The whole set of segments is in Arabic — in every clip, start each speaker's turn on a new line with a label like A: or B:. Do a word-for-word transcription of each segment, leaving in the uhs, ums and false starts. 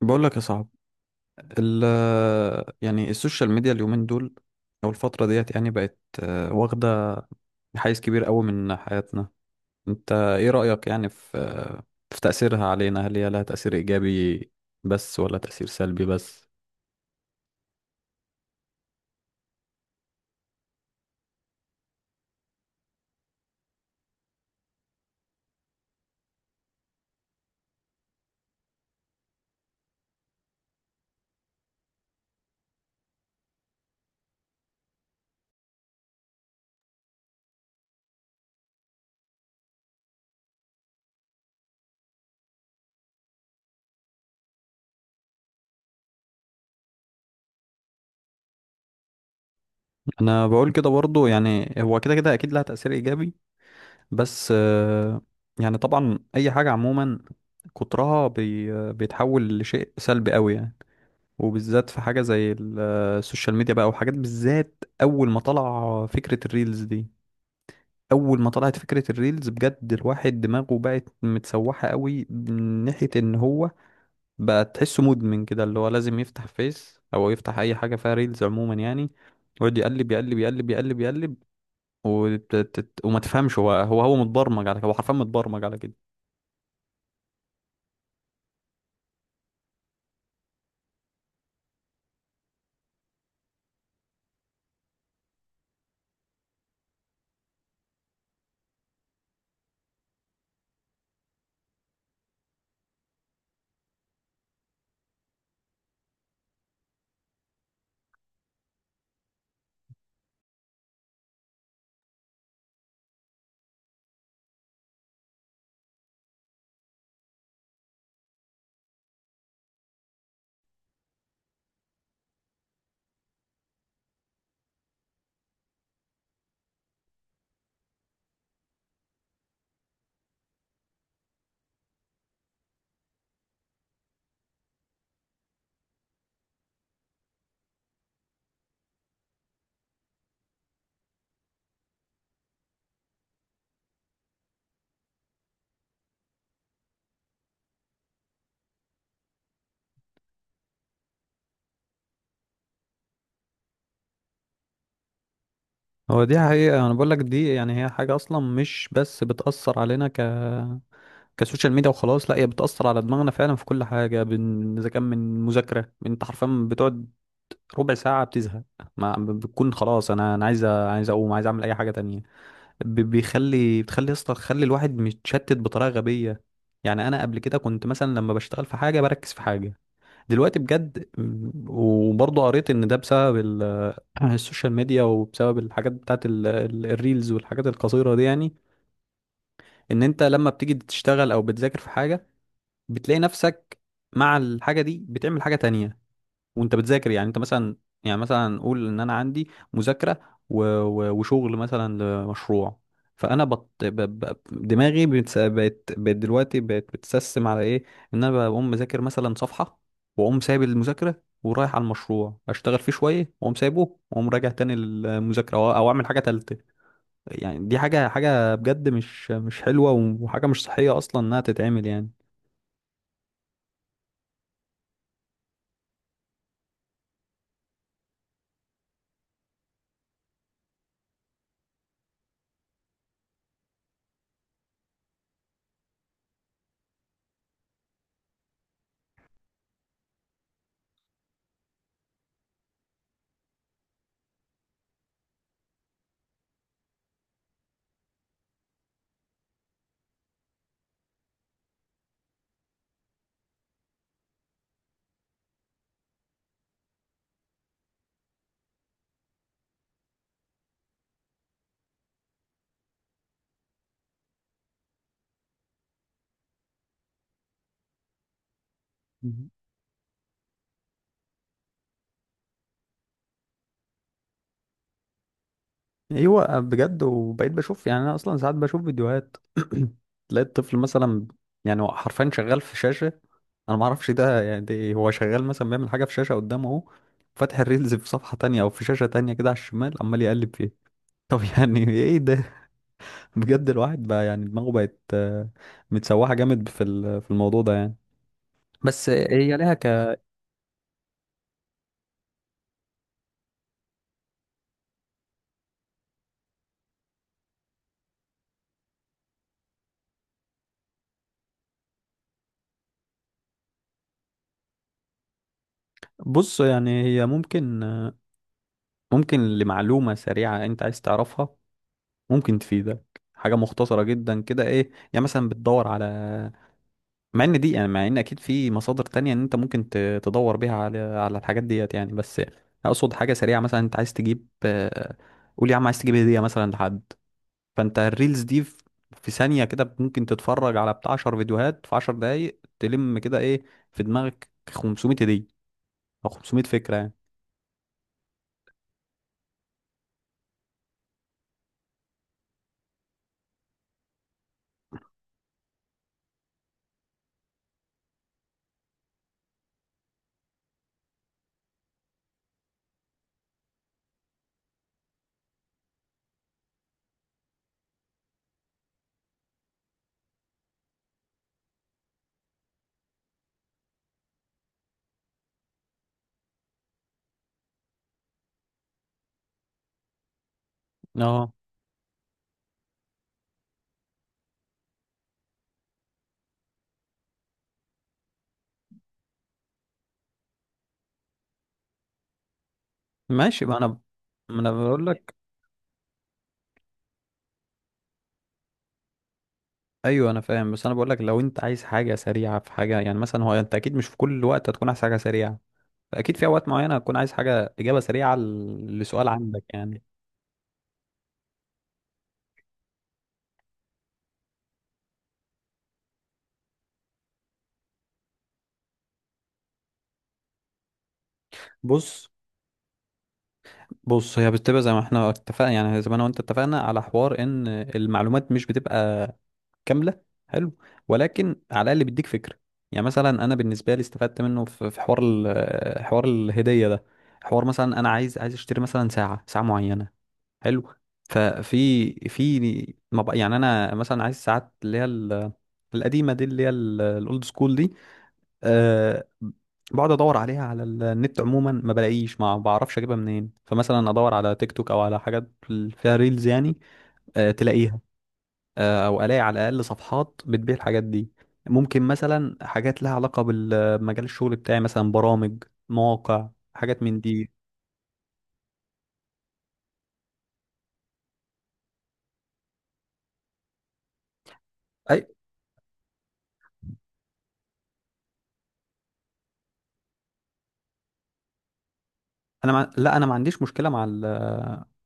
A: بقول لك يا صاحب، ال يعني السوشيال ميديا اليومين دول او الفتره ديت يعني بقت، آه، واخده حيز كبير قوي من حياتنا. انت ايه رايك يعني في، آه، في تاثيرها علينا؟ هل هي لها تاثير ايجابي بس ولا تاثير سلبي بس؟ انا بقول كده برضو، يعني هو كده كده اكيد لها تاثير ايجابي بس. آه، يعني طبعا اي حاجه عموما كترها بي بيتحول لشيء سلبي قوي يعني. وبالذات في حاجة زي ال- السوشيال ميديا بقى، وحاجات بالذات أول ما طلع فكرة الريلز دي. أول ما طلعت فكرة الريلز بجد الواحد دماغه بقت متسوحة قوي، من ناحية إن هو بقى تحسه مدمن كده، اللي هو لازم يفتح فيس أو يفتح أي حاجة فيها ريلز عموما يعني. ويقعد يقلب يقلب يقلب يقلب يقلب، وت- تت- وما تفهمش. هو هو هو متبرمج على كده، هو حرفيا متبرمج على كده. هو دي حقيقة. أنا بقول لك دي يعني هي حاجة أصلا مش بس بتأثر علينا كسوشيال ميديا وخلاص، لا هي بتأثر على دماغنا فعلا في كل حاجة، بن... إذا كان من مذاكرة. أنت حرفيا بتقعد ربع ساعة بتزهق، ما ب- بتكون خلاص. أنا أنا عايز، أ- عايز أقوم، عايز أعمل أي حاجة تانية. ب... بيخلي بتخلي أصلا، خلي الواحد متشتت بطريقة غبية يعني. أنا قبل كده كنت مثلا لما بشتغل في حاجة بركز في حاجة. دلوقتي بجد، م- وبرضه قريت إن ده بسبب ال... السوشيال ميديا وبسبب الحاجات بتاعت ال... ال- الريلز والحاجات القصيرة دي يعني. إن أنت لما بتيجي تشتغل أو بتذاكر في حاجة بتلاقي نفسك مع الحاجة دي بتعمل حاجة تانية وانت بتذاكر. يعني انت مثلا، يعني مثلا نقول ان انا عندي مذاكرة، و... و... وشغل مثلا لمشروع. فانا بط... ب... ب... دماغي بتس... بقت بقت دلوقتي بقت بتسسم على ايه. ان انا بقوم مذاكر مثلا صفحة، واقوم سايب المذاكرة ورايح على المشروع اشتغل فيه شوية، واقوم سايبه واقوم راجع تاني للمذاكرة او أو اعمل حاجة تالتة. يعني دي حاجة حاجة بجد مش مش حلوة، وحاجة مش صحية اصلا انها تتعمل يعني. ايوه بجد. وبقيت بشوف، يعني انا اصلا ساعات بشوف فيديوهات تلاقي الطفل مثلا يعني هو حرفيا شغال في شاشه. انا ما اعرفش ده يعني ده إيه، هو شغال مثلا بيعمل حاجه في شاشه قدامه اهو، فاتح الريلز في صفحه تانية او في شاشه تانية كده على الشمال عمال يقلب فيه. طب يعني ايه ده؟ بجد الواحد بقى يعني دماغه بقت، آه، متسوحه جامد في ال- في الموضوع ده يعني. بس هي لها ك. بص، يعني هي ممكن، ممكن لمعلومه سريعه انت عايز تعرفها، ممكن تفيدك حاجة مختصرة جدا كده. ايه يعني مثلا بتدور على، مع ان دي يعني، مع ان اكيد في مصادر تانية ان انت ممكن، ت- تدور بيها على على الحاجات ديت يعني. بس اقصد حاجة سريعة، مثلا انت عايز تجيب، آه، قول يا عم عايز تجيب هدية مثلا لحد، فانت الريلز دي في في ثانية كده ممكن تتفرج على بتاع عشر فيديوهات في عشر دقايق، تلم كده ايه في دماغك خمسمائة هدية او خمسميه فكرة يعني. اه ماشي، ما انا، ما انا بقول لك، ايوه انا فاهم. بس انا بقول لك لو انت عايز حاجه سريعه في حاجه يعني. مثلا هو انت اكيد مش في كل وقت هتكون عايز حاجه سريعه، اكيد في اوقات معينه هتكون عايز حاجه اجابه سريعه، ل- لسؤال عندك يعني. بص. بص هي بتبقى زي ما احنا اتفقنا، يعني زي ما انا وانت اتفقنا على حوار ان المعلومات مش بتبقى كامله. حلو. ولكن على الاقل بيديك فكره. يعني مثلا انا بالنسبه لي استفدت منه في في حوار، ال- حوار الهديه ده. حوار مثلا انا عايز، عايز اشتري مثلا ساعه ساعه معينه. حلو. ففي في، ما بق- يعني انا مثلا عايز ساعات اللي هي، ال- القديمه دي اللي هي الاولد سكول دي. أه. بقعد ادور عليها على النت عموما ما بلاقيش، ما بعرفش اجيبها منين، فمثلا ادور على تيك توك او على حاجات فيها ريلز يعني. أه تلاقيها. أه او الاقي على الاقل صفحات بتبيع الحاجات دي. ممكن مثلا حاجات لها علاقه بال- بمجال الشغل بتاعي، مثلا برامج، مواقع، حاجات من دي. انا مع... لا انا ما عنديش مشكله مع، ال...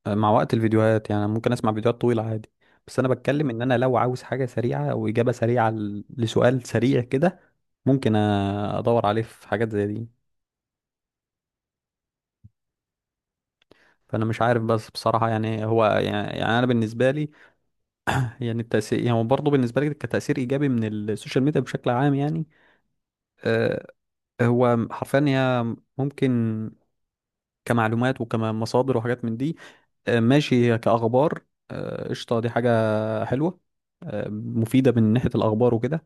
A: مع وقت الفيديوهات. يعني ممكن اسمع فيديوهات طويله عادي. بس انا بتكلم ان انا لو عاوز حاجه سريعه او اجابه سريعه، ل- لسؤال سريع كده ممكن، أ- ادور عليه في حاجات زي دي. فانا مش عارف بس بصراحه، يعني هو يعني, يعني انا بالنسبه لي، يعني التاثير، يعني هو برضه بالنسبه لي كتاثير ايجابي من السوشيال ميديا بشكل عام يعني. أه. هو حرفيا هي ممكن كمعلومات وكمصادر وحاجات من دي. أه ماشي، كاخبار. آه، قشطه، دي حاجه حلوه مفيدة من ناحية الأخبار وكده.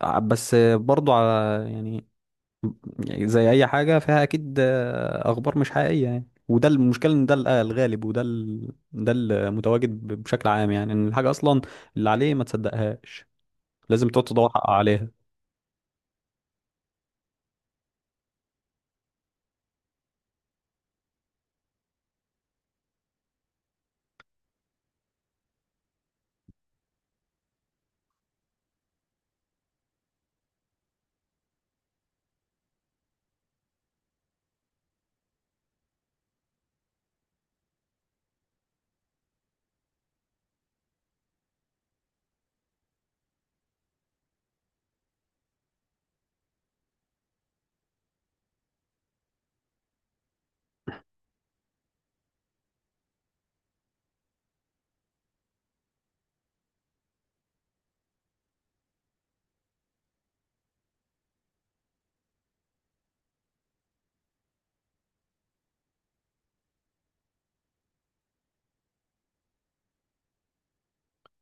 A: ع- بس برضو على، يعني، يعني زي أي حاجة فيها أكيد أخبار مش حقيقية يعني، وده المشكلة إن ده، ال- آه، الغالب، وده ال... ده المتواجد ب- بشكل عام يعني. إن الحاجة أصلا اللي عليه ما تصدقهاش، لازم تقعد تدور حق عليها.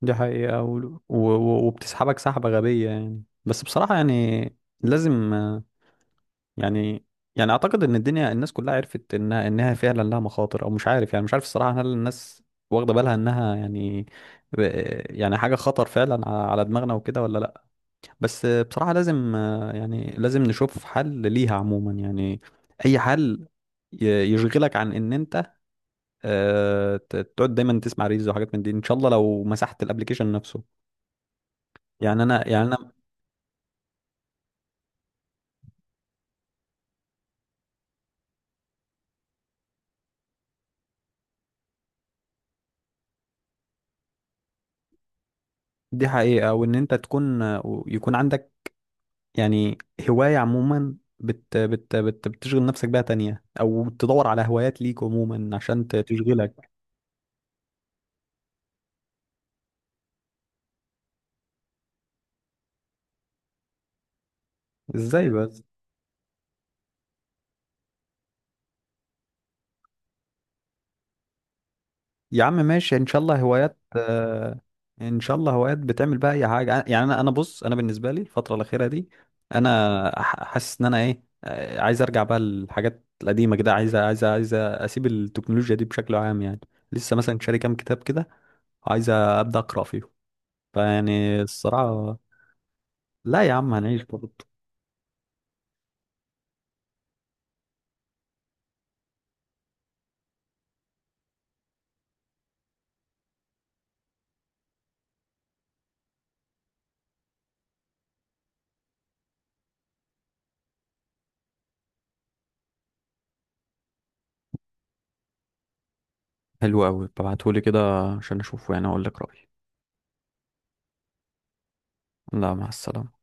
A: دي حقيقة. و... و... وبتسحبك سحبة غبية يعني. بس بصراحة يعني لازم، يعني، يعني اعتقد ان الدنيا الناس كلها عرفت انها، انها فعلا لها مخاطر، او مش عارف يعني. مش عارف الصراحه هل الناس واخده بالها انها يعني، يعني حاجه خطر فعلا ع- على دماغنا وكده ولا لا. بس بصراحه لازم، يعني لازم نشوف حل ليها عموما يعني. اي حل ي- يشغلك عن ان انت، آه، ت- تقعد دايما تسمع ريلز وحاجات من دي. ان شاء الله لو مسحت الابليكيشن نفسه. يعني انا يعني انا دي حقيقه. وان انت تكون، يكون عندك يعني هواية عموما، بت بت بت بتشغل نفسك بيها تانية، أو تدور على هوايات ليك عموما عشان ت- تشغلك. إزاي بس؟ يا عم ماشي إن شاء الله هوايات. آه، إن شاء الله هوايات بتعمل بقى أي حاجة يعني. أنا أنا بص، أنا بالنسبة لي الفترة الأخيرة دي أنا ح- حاسس إن أنا إيه، آه، عايز أرجع بقى للحاجات القديمة كده، عايز عايز عايز أسيب التكنولوجيا دي بشكل عام يعني. لسه مثلا شاري كام كتاب كده، وعايز أبدأ أقرأ فيهم. فيعني الصراحة، لا يا عم هنعيش برضه. حلو قوي، ببعتهولي كده عشان اشوفه يعني اقول لك رأيي. لا مع السلامة.